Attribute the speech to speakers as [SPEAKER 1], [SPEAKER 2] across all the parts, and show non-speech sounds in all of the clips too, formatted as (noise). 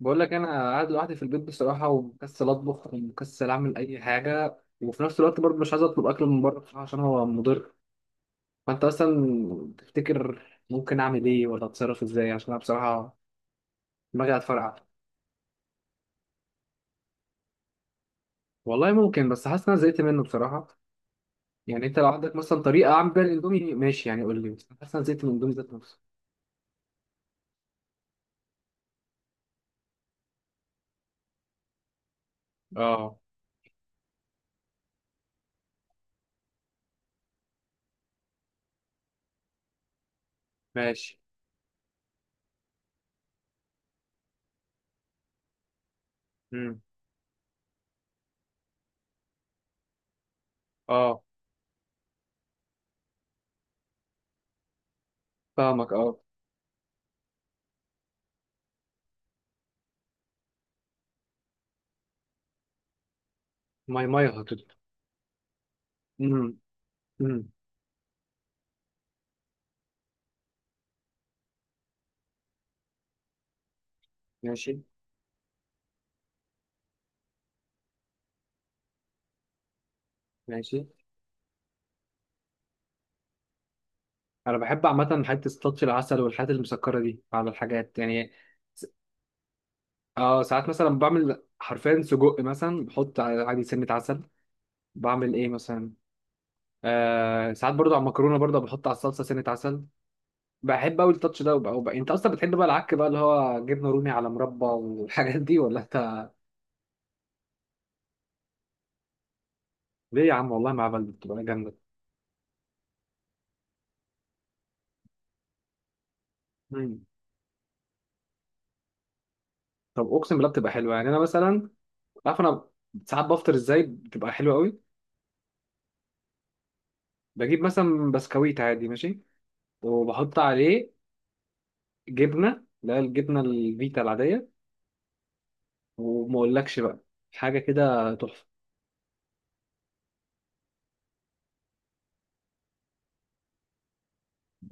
[SPEAKER 1] بقول لك انا قاعد لوحدي في البيت بصراحه، ومكسل اطبخ ومكسل اعمل اي حاجه، وفي نفس الوقت برضه مش عايز اطلب اكل من بره بصراحه عشان هو مضر. فانت اصلا تفتكر ممكن اعمل ايه، ولا اتصرف ازاي؟ عشان انا بصراحه دماغي هتفرقع. والله ممكن، بس حاسس ان انا زهقت منه بصراحه. يعني انت لو عندك مثلا طريقه اعمل بيها الاندومي ماشي، يعني قول لي، بس حاسس ان انا زهقت من الاندومي ذات نفسه. اه، ماشي. امم. اه، فاهمك. اه. ماي ماي هتد امم. امم. ماشي. ماشي. انا بحب عامه حته تاتش العسل والحاجات المسكره دي على الحاجات يعني. س- اه، ساعات مثلا بعمل حرفيا سجق مثلا بحط عادي سنه عسل. بعمل ايه مثلا. آه، ساعات برضو على المكرونه برضو بحط على الصلصه سنه عسل. بحب قوي التاتش ده وبقى وبقى. انت اصلا بتحب بقى العك بقى اللي هو جبنه رومي على مربى والحاجات دي، ولا انت؟ ليه يا عم، والله مع بلد بتبقى جامده. مم. طب اقسم بالله بتبقى حلوه، يعني انا مثلا عارف انا ساعات بفطر ازاي بتبقى حلوه قوي. بجيب مثلا بسكويت عادي ماشي، وبحط عليه جبنه، لا الجبنه الفيتا العاديه، وما اقولكش بقى حاجه كده تحفه.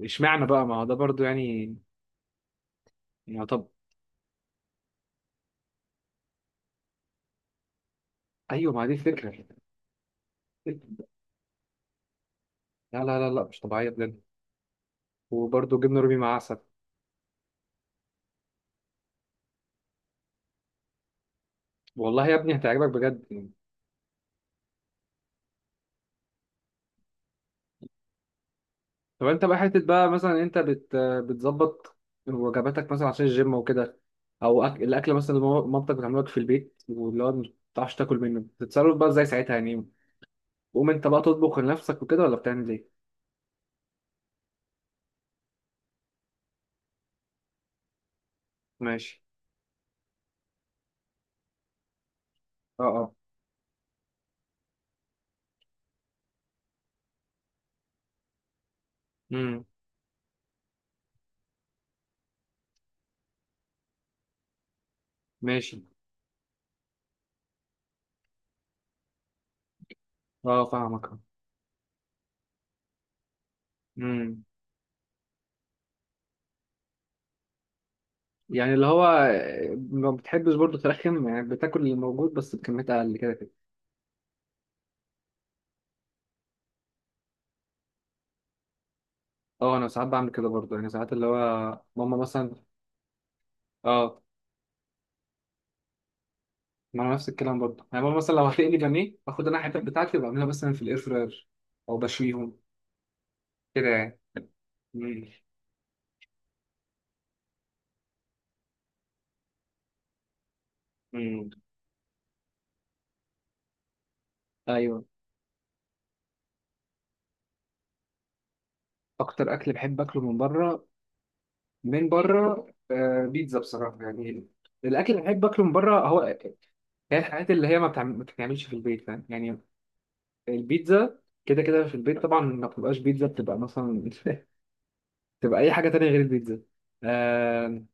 [SPEAKER 1] اشمعنى بقى؟ ما هو ده برضو يعني. يعني طب. ايوه، ما هي دي الفكره. لا لا لا لا، مش طبيعيه بجد. وبرضو جبنه رومي مع عسل. والله يا ابني هتعجبك بجد يعني. طب انت بقى حته بقى مثلا انت بتظبط وجباتك مثلا عشان الجيم وكده، الاكل مثلا اللي مامتك بتعمله لك في البيت، واللي هو ما بتعرفش تاكل منه، بتتصرف بقى ازاي ساعتها يعني؟ قوم انت بقى تطبخ لنفسك وكده، ولا بتعمل ايه؟ ماشي. اه، اه. امم. ماشي. اه، فاهمك. امم. يعني اللي هو ما بتحبش برضه ترخم، يعني بتاكل اللي موجود بس بكميات اقل كده كده. اه، انا ساعات بعمل كده برضه، يعني ساعات اللي هو ماما مثلا. اه، ما انا نفس الكلام برضه، يعني ماما مثلا لو هتقلي بانيه، باخد انا الحتت بتاعتي وبعملها مثلا في الاير فراير او بشويهم كده يعني. امم. امم. ايوه. اكتر اكل بحب اكله من بره. من بره آه بيتزا بصراحه يعني. الاكل اللي بحب اكله من بره هو هي الحاجات اللي هي ما بتتعملش في البيت، فاهم يعني. البيتزا كده كده في البيت طبعا ما بتبقاش بيتزا، بتبقى مثلا. (laughs) بتبقى اي حاجه تانية غير البيتزا. آه.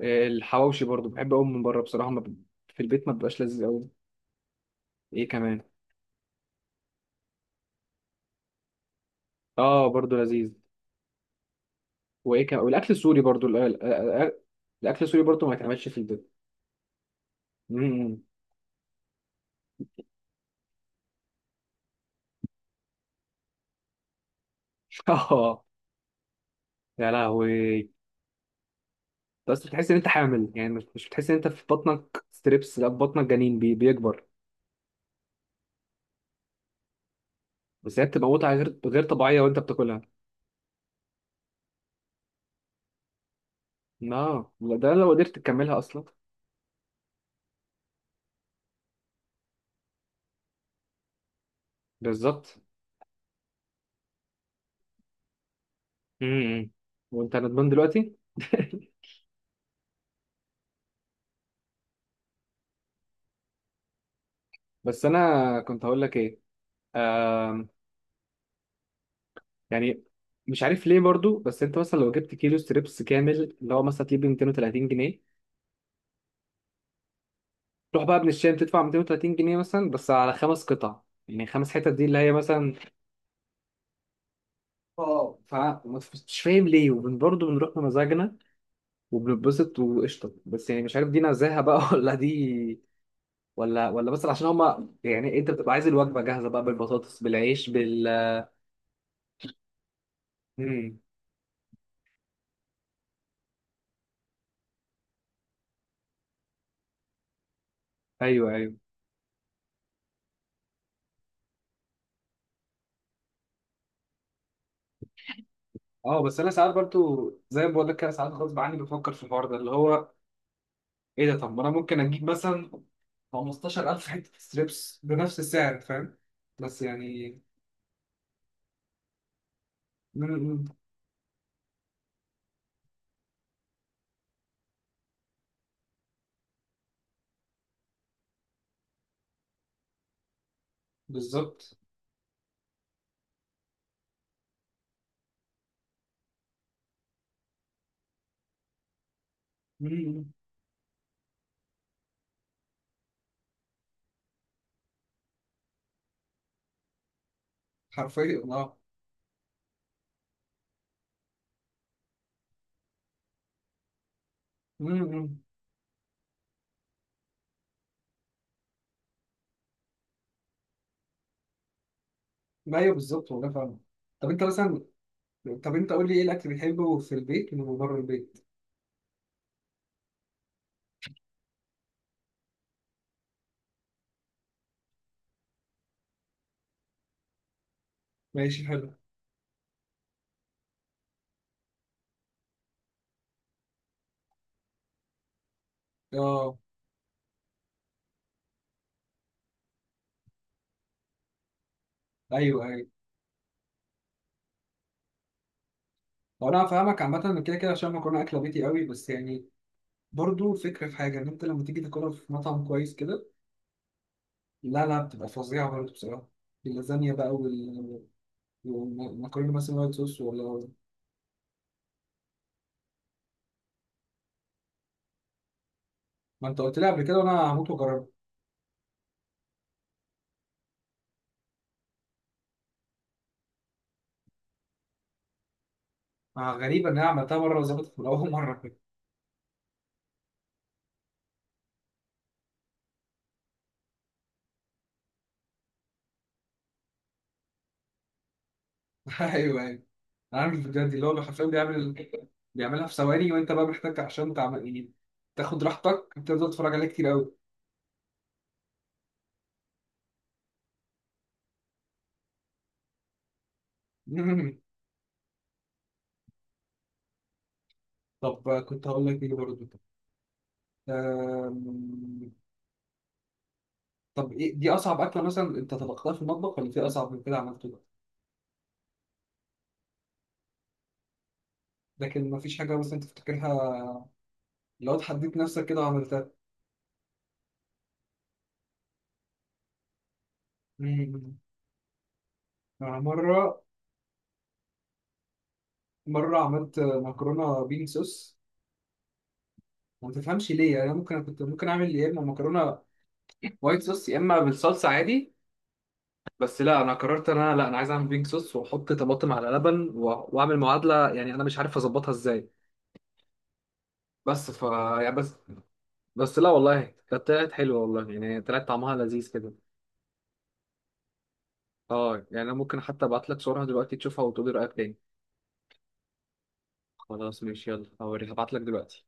[SPEAKER 1] الحواوشي برضو بحب اقوم من بره بصراحه، ما ب... في البيت ما بيبقاش لذيذ قوي. ايه كمان. اه، برضو لذيذ. وايه كمان؟ والاكل السوري برضو الاكل السوري برضو ما يتعملش في البيت. مم. (laughs) اه، يا لهوي. بس بتحس ان انت حامل، يعني مش بتحس ان انت في بطنك ستريبس، لا في بطنك بيكبر. بس هي بتبقى متعه غير طبيعيه وانت بتاكلها. لا لا، ده لو قدرت تكملها اصلا. بالظبط. امم. وانت ندمان دلوقتي. (laughs) بس انا كنت هقول لك ايه. آم، يعني مش عارف ليه برضو، بس انت مثلا لو جبت كيلو ستريبس كامل اللي هو مثلا تجيب 230 جنيه، تروح بقى ابن الشام تدفع 230 جنيه مثلا بس على خمس قطع، يعني خمس حتت دي اللي هي مثلا. اه، فمش فاهم ليه، وبرضه بنروح بمزاجنا وبنتبسط وقشطه، بس يعني مش عارف دي نزاهه بقى، (laughs) ولا دي، ولا بس عشان هما يعني انت بتبقى عايز الوجبه جاهزه بقى بالبطاطس بالعيش بال. ايوه، ايوه، اه. بس انا ساعات برضو زي ما بقول لك كده، ساعات غصب عني بفكر في الحوار ده اللي هو ايه ده. طب ما انا ممكن اجيب مثلا 15,000 حته ستريبس بنفس السعر، فاهم؟ بس يعني م- م- بالظبط. م- م. حرفيا اه. م- م. ما ايوه، بالظبط، والله فاهم. طب انت مثلا، طب انت قول لي ايه الاكل بتحبه في البيت ومن بره البيت. ماشي، حلو. اه، ايوه، ايوه. هو انا فاهمك عامه من كده كده عشان المكرونه اكله بيتي قوي، بس يعني برضو فكره في حاجه ان انت لما تيجي تاكلها في مطعم كويس كده. لا لا، بتبقى فظيعة برضه بصراحة. اللازانيا بقى والمكرونة مثلا وايت صوص ولا. ما انت قلت لي قبل كده وانا هموت واجربها. غريبة ان انا عملتها مرة وظبطت من اول مرة كده. (laughs) ايوه، ايوه، انا عارف الفيديوهات دي اللي هو حرفيا بيعملها في ثواني، وانت بقى محتاج عشان تعمل يعني تاخد راحتك بتفضل تتفرج عليها كتير قوي. (laughs) طب كنت هقول لك ايه برضه. آم، طب ايه دي اصعب اكلة مثلا انت طبختها في المطبخ؟ ولا في اصعب من كده عملته؟ لكن ما فيش حاجة مثلا تفتكرها لو تحديت نفسك كده وعملتها. مم. أنا مرة، عملت مكرونة بين صوص، وما تفهمش ليه، يعني أنا ممكن كنت ممكن أعمل يا إما مكرونة وايت صوص، يا إما بالصلصة عادي. بس لا، أنا قررت إن أنا لا أنا عايز أعمل بين صوص وأحط طماطم على لبن وأعمل معادلة، يعني أنا مش عارف أظبطها إزاي. بس ف يعني بس، لا والله، كانت طلعت حلوة والله، يعني طلعت طعمها لذيذ كده. اه يعني أنا ممكن حتى أبعت لك صورها دلوقتي تشوفها وتقولي رأيك تاني. خلاص ماشي، يلا هوريك هبعت لك دلوقتي.